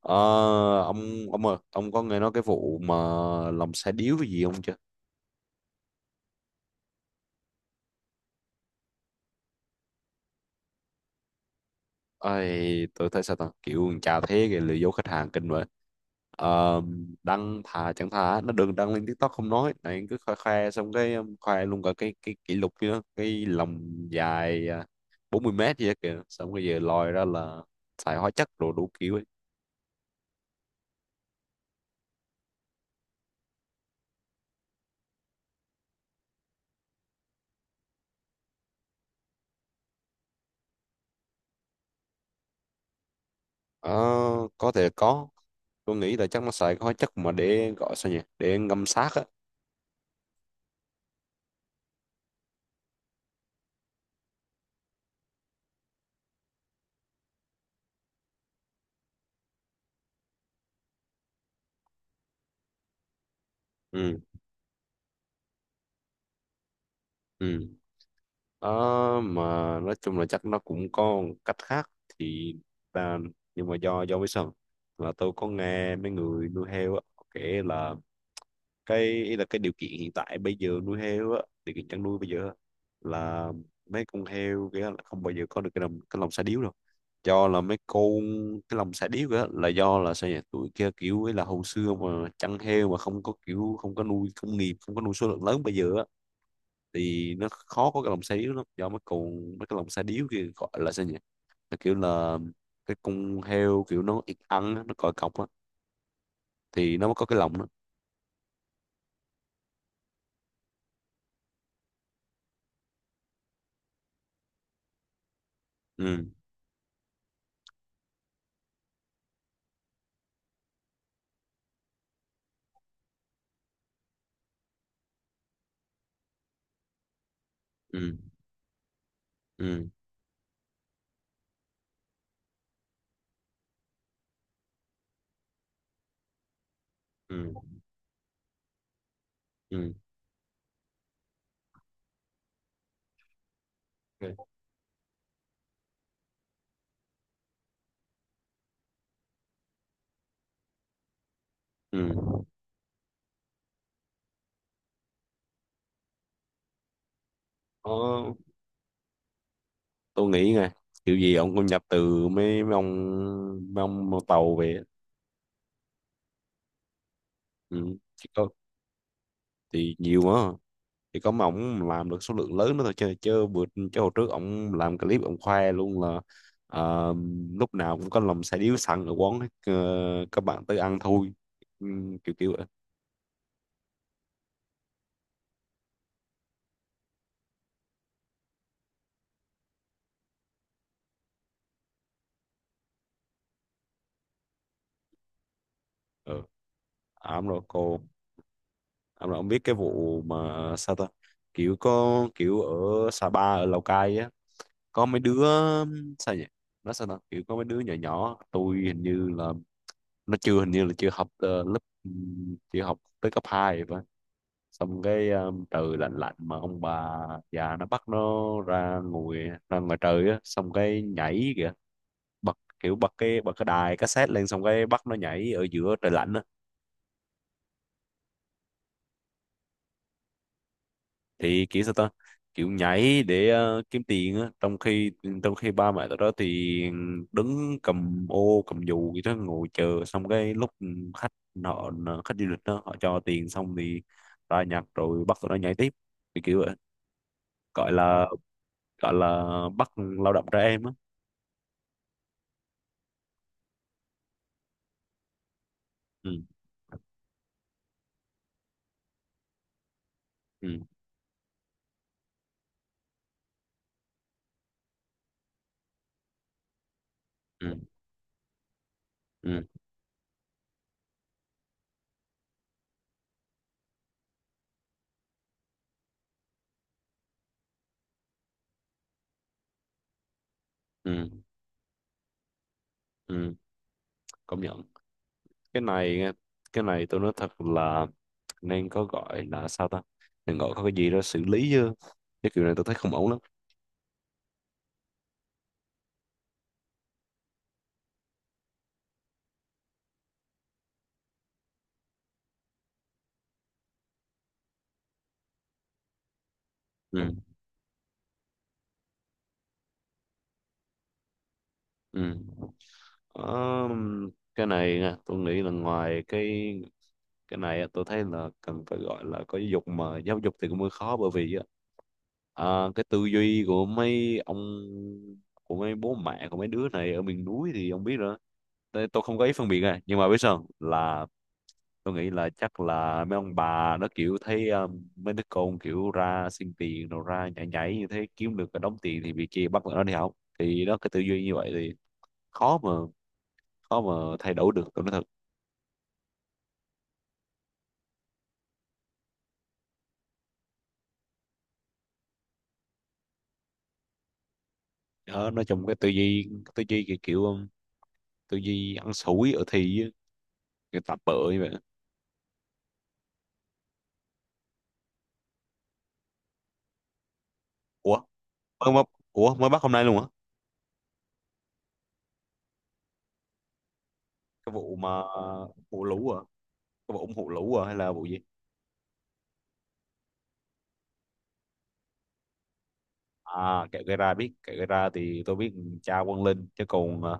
Ờ, ông ông ơi, ông có nghe nói cái vụ mà lòng xe điếu cái gì không chưa? Ai, tôi thấy sao ta kiểu con chà thế kìa lừa dối khách hàng kinh vậy. Ờ, đăng thà chẳng thà nó đừng đăng lên TikTok, không nói này cứ khoe khoe xong cái, khoe luôn cả cái kỷ lục kia, cái lòng dài à, 40 m gì đó kìa, xong bây giờ lòi ra là xài hóa chất rồi đủ kiểu ấy. Ờ, có thể có, tôi nghĩ là chắc nó xài cái hóa chất mà để gọi sao nhỉ, để ngâm xác á. Ừ, ừ. Ờ, mà nói chung là chắc nó cũng có một cách khác thì ta, nhưng mà do với sao là tôi có nghe mấy người nuôi heo á họ kể là cái ý là cái điều kiện hiện tại bây giờ nuôi heo á, điều kiện chăn nuôi bây giờ á, là mấy con heo kia là không bao giờ có được cái lòng sa điếu đâu, do là mấy con cái lòng sa điếu á là do là sao nhỉ, tụi kia kiểu ấy là hồi xưa mà chăn heo mà không có kiểu không có nuôi công nghiệp, không có nuôi số lượng lớn bây giờ á, thì nó khó có cái lồng xe điếu lắm, do mấy con mấy cái lồng xe điếu kia gọi là sao nhỉ, là kiểu là cái con heo kiểu nó ít ăn á, nó còi cọc á thì nó mới có cái lồng đó. Ừ. Ừ. Ừ. Ừ. Ừ. Ok. Ừ. Ờ, tôi nghĩ nè, kiểu gì ông cũng nhập từ mấy mấy ông tàu về á. Ừ. Chỉ có thì nhiều mà, thì có mà ổng làm được số lượng lớn nữa thôi chứ, chứ bữa, chứ hồi trước ổng làm clip ổng khoe luôn là ờ, lúc nào cũng có lòng xài điếu xăng ở quán hết, các bạn tới ăn thôi, ừ, kiểu kiểu vậy. Ừ. À, ổng rồi cô, ổng rồi ổng biết cái vụ mà sao ta, kiểu có kiểu ở Sapa ở Lào Cai á, có mấy đứa sao nhỉ, nó sao ta kiểu có mấy đứa nhỏ nhỏ tôi hình như là nó chưa hình như là chưa học lớp, ừ, chưa học tới cấp hai vậy, xong cái, trời lạnh lạnh mà ông bà già nó bắt nó ra ngồi, ra ngoài trời á xong cái nhảy kìa, bật kiểu bật cái đài cassette lên xong cái bắt nó nhảy ở giữa trời lạnh á. Thì kiểu sao ta, kiểu nhảy để kiếm tiền á, trong khi ba mẹ tụi đó thì đứng cầm ô cầm dù gì đó ngồi chờ, xong cái lúc khách, họ, khách du lịch đó họ cho tiền xong thì ra nhặt rồi bắt tụi nó nhảy tiếp, thì kiểu vậy, gọi là, gọi là bắt lao động trẻ em á. Ừ. Ừ. Ừ. Ừ. Ừ. Ừ, công nhận. Cái này, cái này tôi nói thật là nên có gọi là sao ta, nên gọi có cái gì đó xử lý chứ, cái kiểu này tôi thấy không ổn lắm. Ừ. Ừ. Ờ, cái này nha, tôi nghĩ là ngoài cái này á, tôi thấy là cần phải gọi là có giáo dục, mà giáo dục thì cũng hơi khó bởi vì á, à, cái tư duy của mấy ông, của mấy bố mẹ của mấy đứa này ở miền núi thì ông biết rồi. Tôi không có ý phân biệt này nhưng mà biết sao không? Là tôi nghĩ là chắc là mấy ông bà nó kiểu thấy mấy đứa con kiểu ra xin tiền rồi ra nhảy nhảy như thế kiếm được cái đống tiền thì bị kia bắt tụi nó đi học, thì nó cái tư duy như vậy thì khó mà, khó mà thay đổi được, tôi nói thật. Đó, nó trong cái tư duy, tư duy kiểu, kiểu, tư duy ăn xủi ở thi á, cái tập bợ như vậy. Ủa mới, mới, ủa mới bắt hôm nay luôn hả? Cái vụ mà, vụ lũ à, cái vụ ủng hộ lũ à hay là vụ gì? À kẹo gây ra, biết, kẹo gây ra thì tôi biết. Cha Quang Linh chứ còn, à,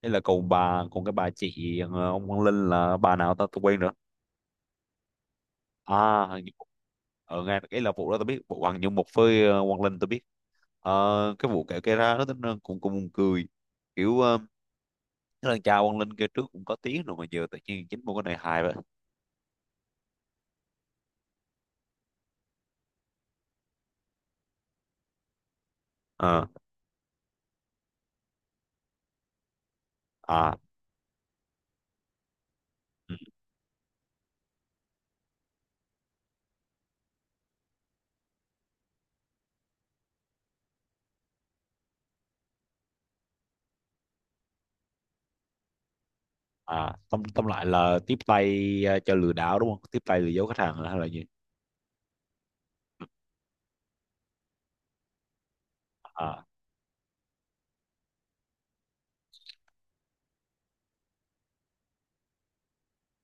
ấy là còn bà, còn cái bà chị à, ông Quang Linh là bà nào ta tôi quên nữa. À hình như- ở ngay cái là vụ đó tôi biết, vụ Hoàng như một với à, Quang Linh tôi biết. Cái vụ kẹo gây ra đó tính ra cũng cũng buồn cười, kiểu, thế là cha Quang Linh kia trước cũng có tiếng rồi mà giờ tự nhiên chính một cái này hài vậy. Ờ. À. Ừ. À tóm, tóm lại là tiếp tay, à, cho lừa đảo đúng không, tiếp tay lừa dối khách hàng hay là gì? À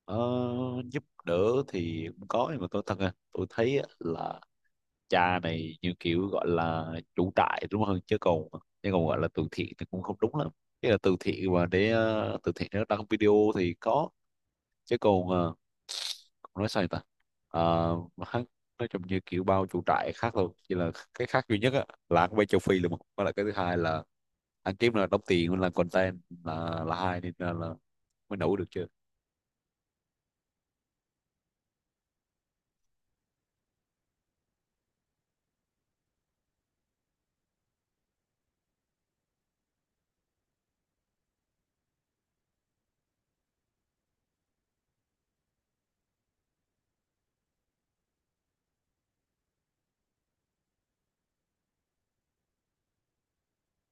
ờ, giúp đỡ thì cũng có nhưng mà tôi thật ra tôi thấy á là cha này như kiểu gọi là chủ trại đúng không, chứ còn, chứ còn gọi là từ thiện thì cũng không đúng lắm. Cái là từ thiện mà để từ thiện nó đăng video thì có, chứ còn còn nói sao vậy ta. Mà hắn nói chung như kiểu bao chủ trại khác thôi, chỉ là cái khác duy nhất á, là hắn quay châu Phi là một, với lại cái thứ hai là hắn kiếm là đóng tiền là content, là hai nên là mới nổi được chưa.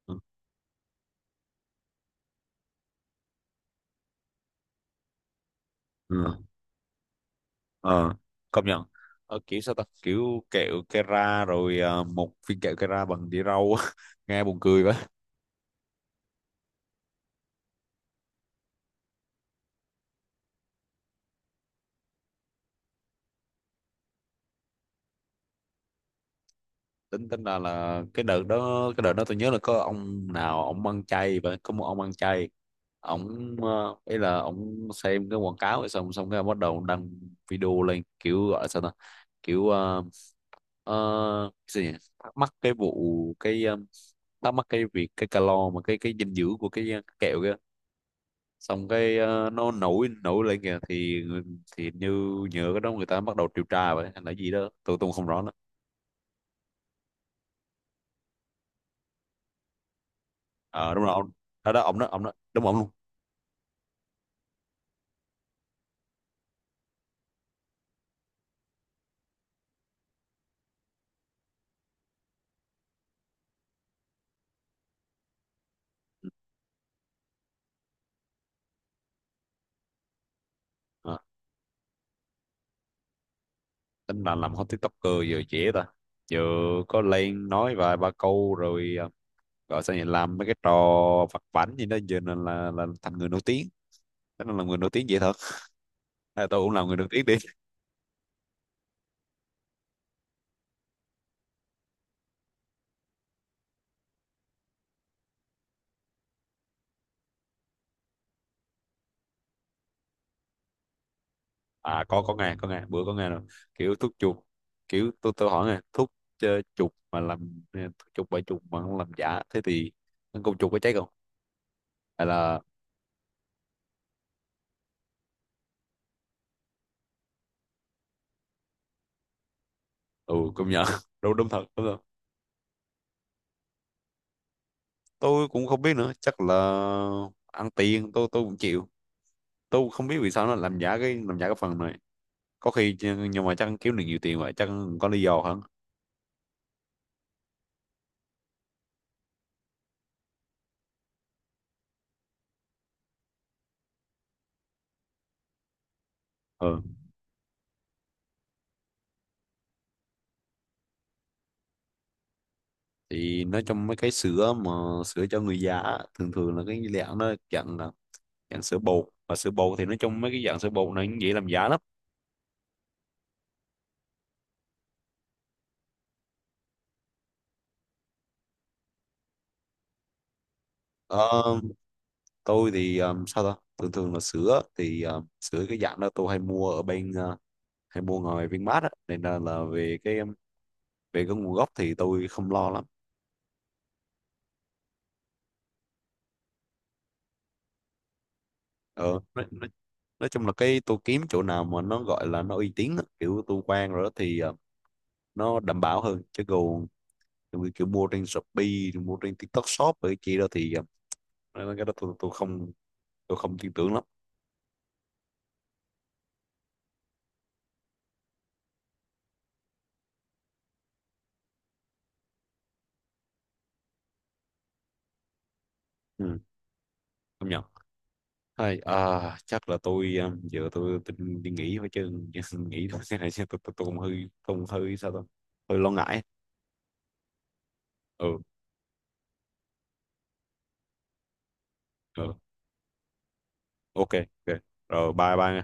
Ừ. Ừ. Ờ công nhận. Kiểu sao ta, kiểu kẹo Kera rồi một viên kẹo Kera bằng đĩa rau á. Nghe buồn cười vậy. Tính, tính là cái đợt đó, cái đợt đó tôi nhớ là có ông nào ông ăn chay vậy, có một ông ăn chay. Ông ý là ông xem cái quảng cáo rồi xong xong cái bắt đầu ông đăng video lên kiểu gọi là sao ta, kiểu, cái gì nhỉ? Thắc mắc cái vụ cái thắc mắc cái việc cái calo mà cái dinh dưỡng của cái kẹo kia, xong cái, nó nổi nổi lên kìa, thì như nhờ cái đó người ta bắt đầu điều tra vậy hay là gì đó tôi không rõ nữa. Ờ đúng rồi ông, đó đó ông đó ông đó đúng ông luôn. À, tính là làm hot tiktoker giờ dễ ta, giờ có lên nói vài ba câu rồi gọi sao nhỉ làm mấy cái trò vặt vãnh gì đó giờ là thành người nổi tiếng. Thế nên là người nổi tiếng dễ thật, à, tôi cũng làm người nổi tiếng. À có nghe, có nghe bữa có nghe rồi. Kiểu thuốc chuột, kiểu tôi hỏi nè, thuốc ờ, chuột mà làm thuốc chuột bởi chuột mà không làm giả thế thì con chuột có cháy không, hay là? Ừ công nhận. Đúng đúng thật, đúng thật. Tôi cũng không biết nữa, chắc là ăn tiền, tôi cũng chịu, tôi cũng không biết vì sao nó làm giả cái, làm giả cái phần này. Có khi chứ- nhưng mà chắc kiếm được nhiều tiền vậy, chắc có lý do hẳn. Ừ. Thì nói trong mấy cái sữa mà, sữa cho người già á, thường thường là cái dạng nó dạng là dạng sữa bột, và sữa bột thì nói chung mấy cái dạng sữa bột này cũng dễ làm giả lắm. Ờ, tôi thì sao ta thường thường là sữa thì sữa cái dạng đó tôi hay mua ở bên hay mua ngoài Vinmart á, nên là về cái, về cái nguồn gốc thì tôi không lo lắm. Ờ, nói chung là cái tôi kiếm chỗ nào mà nó gọi là nó uy tín á, kiểu tôi quen rồi đó thì nó đảm bảo hơn, chứ còn kiểu, kiểu mua trên Shopee rồi mua trên TikTok Shop rồi cái kia đó thì cái đó tôi không, tôi không tin tưởng lắm. Ừ, không nhận. Thôi, à, chắc là tôi giờ tôi đi nghỉ thôi chứ nghỉ thôi thế này chứ tôi cũng hơi không hơi sao tôi hơi lo ngại. Ừ. Ừ. Ok. Ok. Rồi bye bye nha.